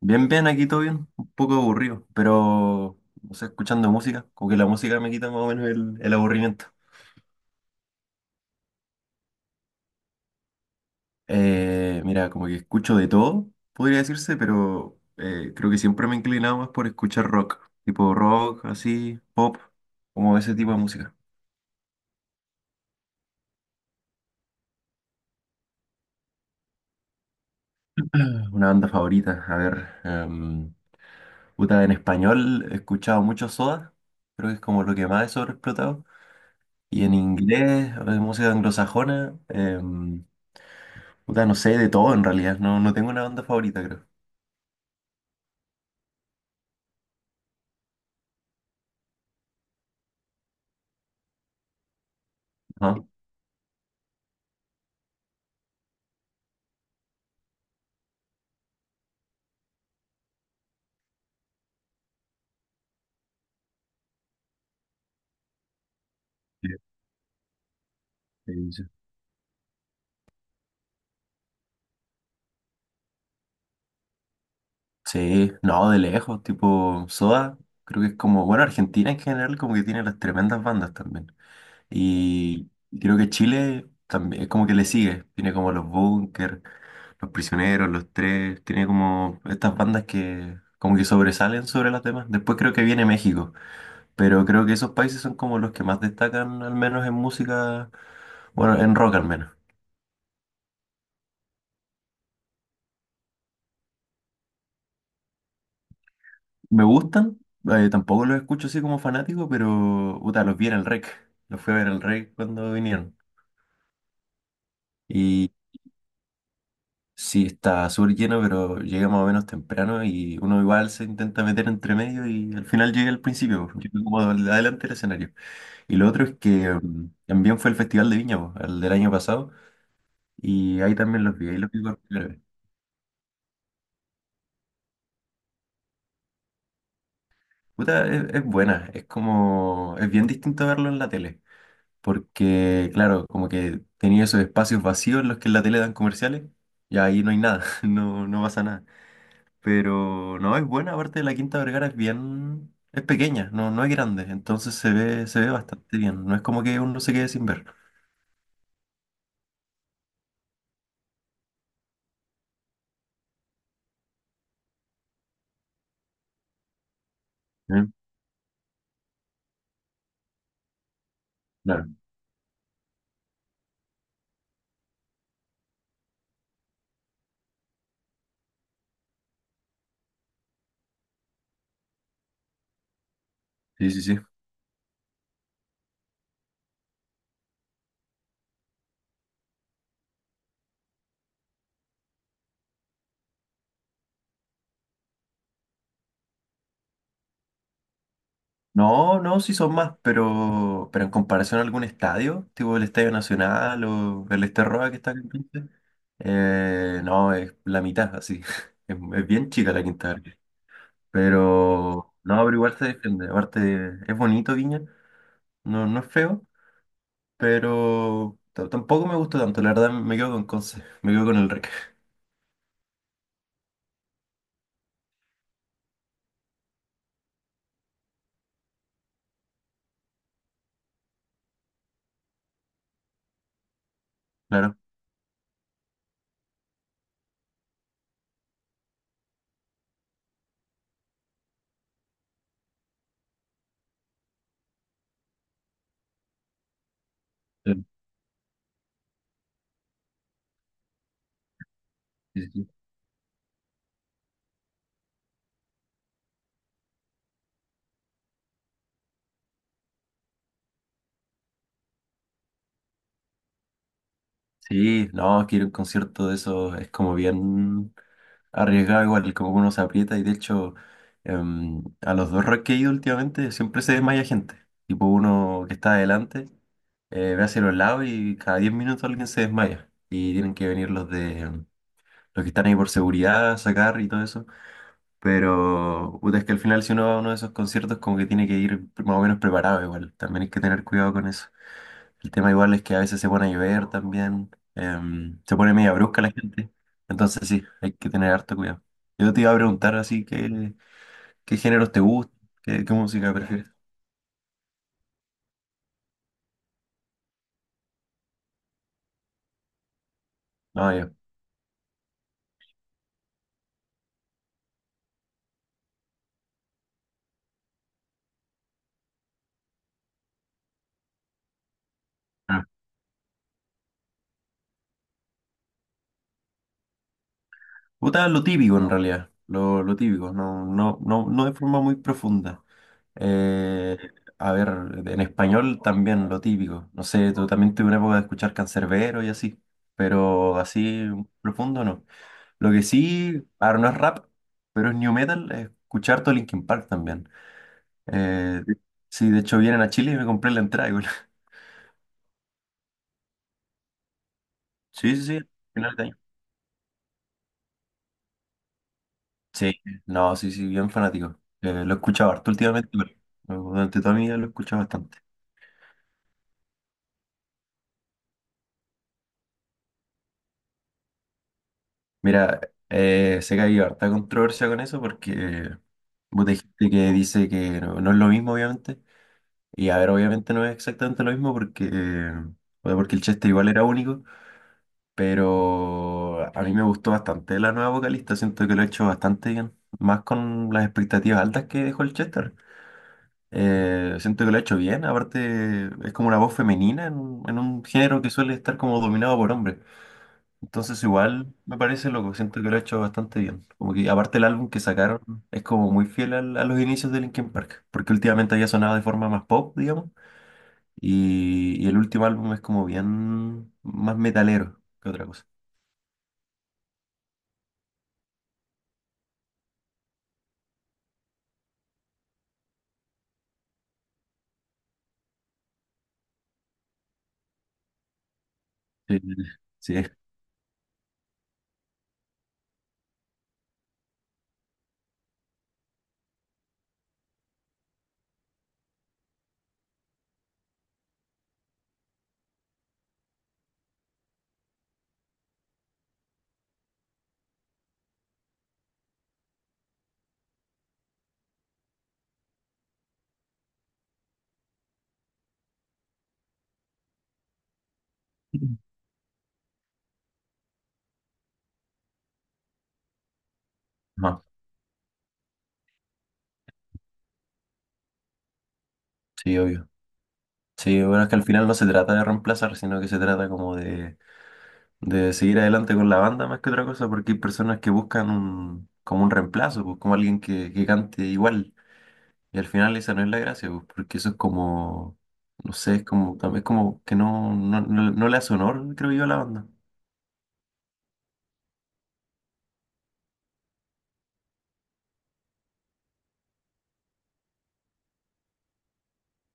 Bien, bien, aquí todo bien, un poco aburrido, pero no sé, escuchando música, como que la música me quita más o menos el aburrimiento. Mira, como que escucho de todo, podría decirse, pero creo que siempre me he inclinado más por escuchar rock, tipo rock, así, pop, como ese tipo de música. Una banda favorita, a ver, puta, en español he escuchado mucho Soda, creo que es como lo que más he sobreexplotado, y en inglés, música anglosajona. Puta, no sé, de todo en realidad. No, no tengo una banda favorita, creo. Ajá. Sí, sí, sí. Sí, no, de lejos, tipo Soda, creo que es como, bueno, Argentina en general como que tiene las tremendas bandas también. Y creo que Chile también es como que le sigue, tiene como Los Bunkers, Los Prisioneros, Los Tres, tiene como estas bandas que como que sobresalen sobre las demás. Después creo que viene México, pero creo que esos países son como los que más destacan, al menos en música, bueno, en rock al menos. Me gustan, tampoco los escucho así como fanático, pero puta, los vi en el REC. Los fui a ver el REC cuando vinieron. Y sí, está súper lleno, pero llegué más o menos temprano y uno igual se intenta meter entre medio y al final llega al principio, porque llega como adelante del escenario. Y lo otro es que también fue el Festival de Viña, po, el del año pasado, y ahí también los vi, ahí los vi por primera vez. Puta, es buena, es como, es bien distinto verlo en la tele. Porque claro, como que tenía esos espacios vacíos en los que en la tele dan comerciales, y ahí no hay nada, no, no pasa nada. Pero no, es buena, aparte la Quinta Vergara es bien, es pequeña, no, no es grande, entonces se ve bastante bien, no es como que uno se quede sin ver. Mm, claro, sí, sí, sí. No, no, sí son más, pero en comparación a algún estadio, tipo el Estadio Nacional o el Esterroa que está acá en Conce, no, es la mitad, así. Es bien chica la Quinta. Pero no, pero igual se defiende. Aparte, es bonito Viña, no, no es feo, pero tampoco me gustó tanto. La verdad, me quedo con Conce, me quedo con el Rec. Claro. Sí, sí, sí. Sí, no, quiero un concierto de eso es como bien arriesgado, igual, como que uno se aprieta y de hecho, a los dos rock que he ido últimamente siempre se desmaya gente. Tipo uno que está adelante, ve hacia los lados y cada 10 minutos alguien se desmaya. Y tienen que venir los de. Los que están ahí por seguridad, sacar y todo eso. Pero puta, es que al final si uno va a uno de esos conciertos como que tiene que ir más o menos preparado igual. También hay que tener cuidado con eso. El tema igual es que a veces se pone a llover también. Se pone media brusca la gente. Entonces sí, hay que tener harto cuidado. Yo te iba a preguntar así qué qué géneros te gustan, qué música prefieres. No, yo puta, lo típico en realidad, lo típico, no, no, no, no de forma muy profunda. Eh, a ver, en español también lo típico. No sé, tú también tuve una época de escuchar cancerbero y así, pero así profundo no. Lo que sí, ahora no es rap, pero es new metal, es escuchar todo Linkin Park también. Eh, sí, de hecho vienen a Chile y me compré la entrada igual. Sí, sí, sí, final de año. Sí, no, sí, sí, bien fanático. Lo he escuchado harto últimamente, pero durante toda mi vida lo he escuchado bastante. Mira, sé que hay harta controversia con eso porque vos gente que dice que no, no es lo mismo, obviamente. Y a ver, obviamente no es exactamente lo mismo porque, bueno, porque el Chester igual era único, pero a mí me gustó bastante la nueva vocalista, siento que lo he hecho bastante bien, más con las expectativas altas que dejó el Chester. Siento que lo ha hecho bien, aparte es como una voz femenina en un género que suele estar como dominado por hombres. Entonces igual me parece loco, siento que lo ha hecho bastante bien. Como que aparte el álbum que sacaron es como muy fiel a los inicios de Linkin Park, porque últimamente había sonado de forma más pop, digamos, y el último álbum es como bien más metalero que otra cosa. Sí, sí, ajá, sí, obvio. Sí, bueno, es que al final no se trata de reemplazar, sino que se trata como de seguir adelante con la banda más que otra cosa, porque hay personas que buscan un, como un reemplazo, pues como alguien que cante igual. Y al final esa no es la gracia, pues, porque eso es como, no sé, es como, también es como que no, no, no, no le hace honor, creo yo, a la banda.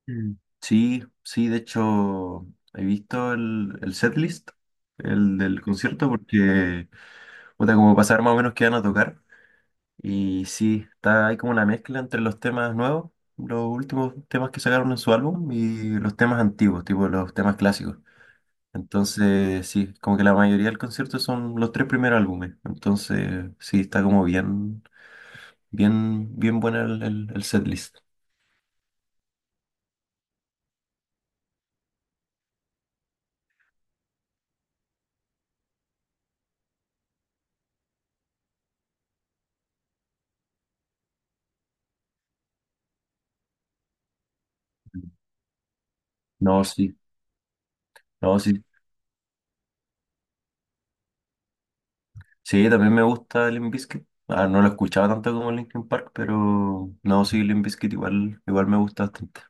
Mm. Sí, sí, de hecho, he visto el setlist, el del concierto, porque, puta, como pasar más o menos qué van a tocar. Y sí, está ahí como una mezcla entre los temas nuevos, los últimos temas que sacaron en su álbum y los temas antiguos, tipo los temas clásicos. Entonces, sí, como que la mayoría del concierto son los tres primeros álbumes. Entonces, sí, está como bien, bien, bien buena el setlist. No, sí, no, sí. Sí, también me gusta Limp Bizkit. Ah, no lo escuchaba tanto como Linkin Park, pero no, sí, Limp Bizkit igual, igual me gusta bastante.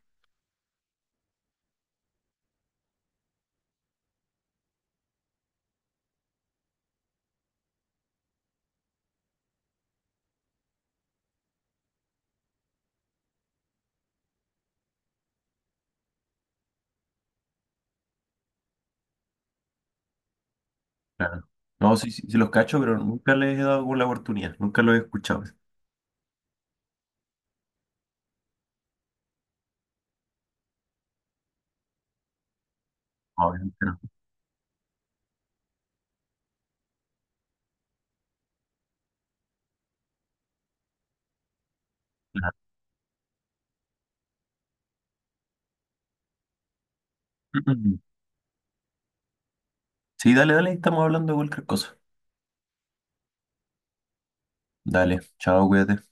Claro. No, sí, sí, sí los cacho, pero nunca les he dado la oportunidad, nunca los he escuchado. No, obviamente no. Claro. Sí, dale, dale, estamos hablando de cualquier cosa. Dale, chao, cuídate.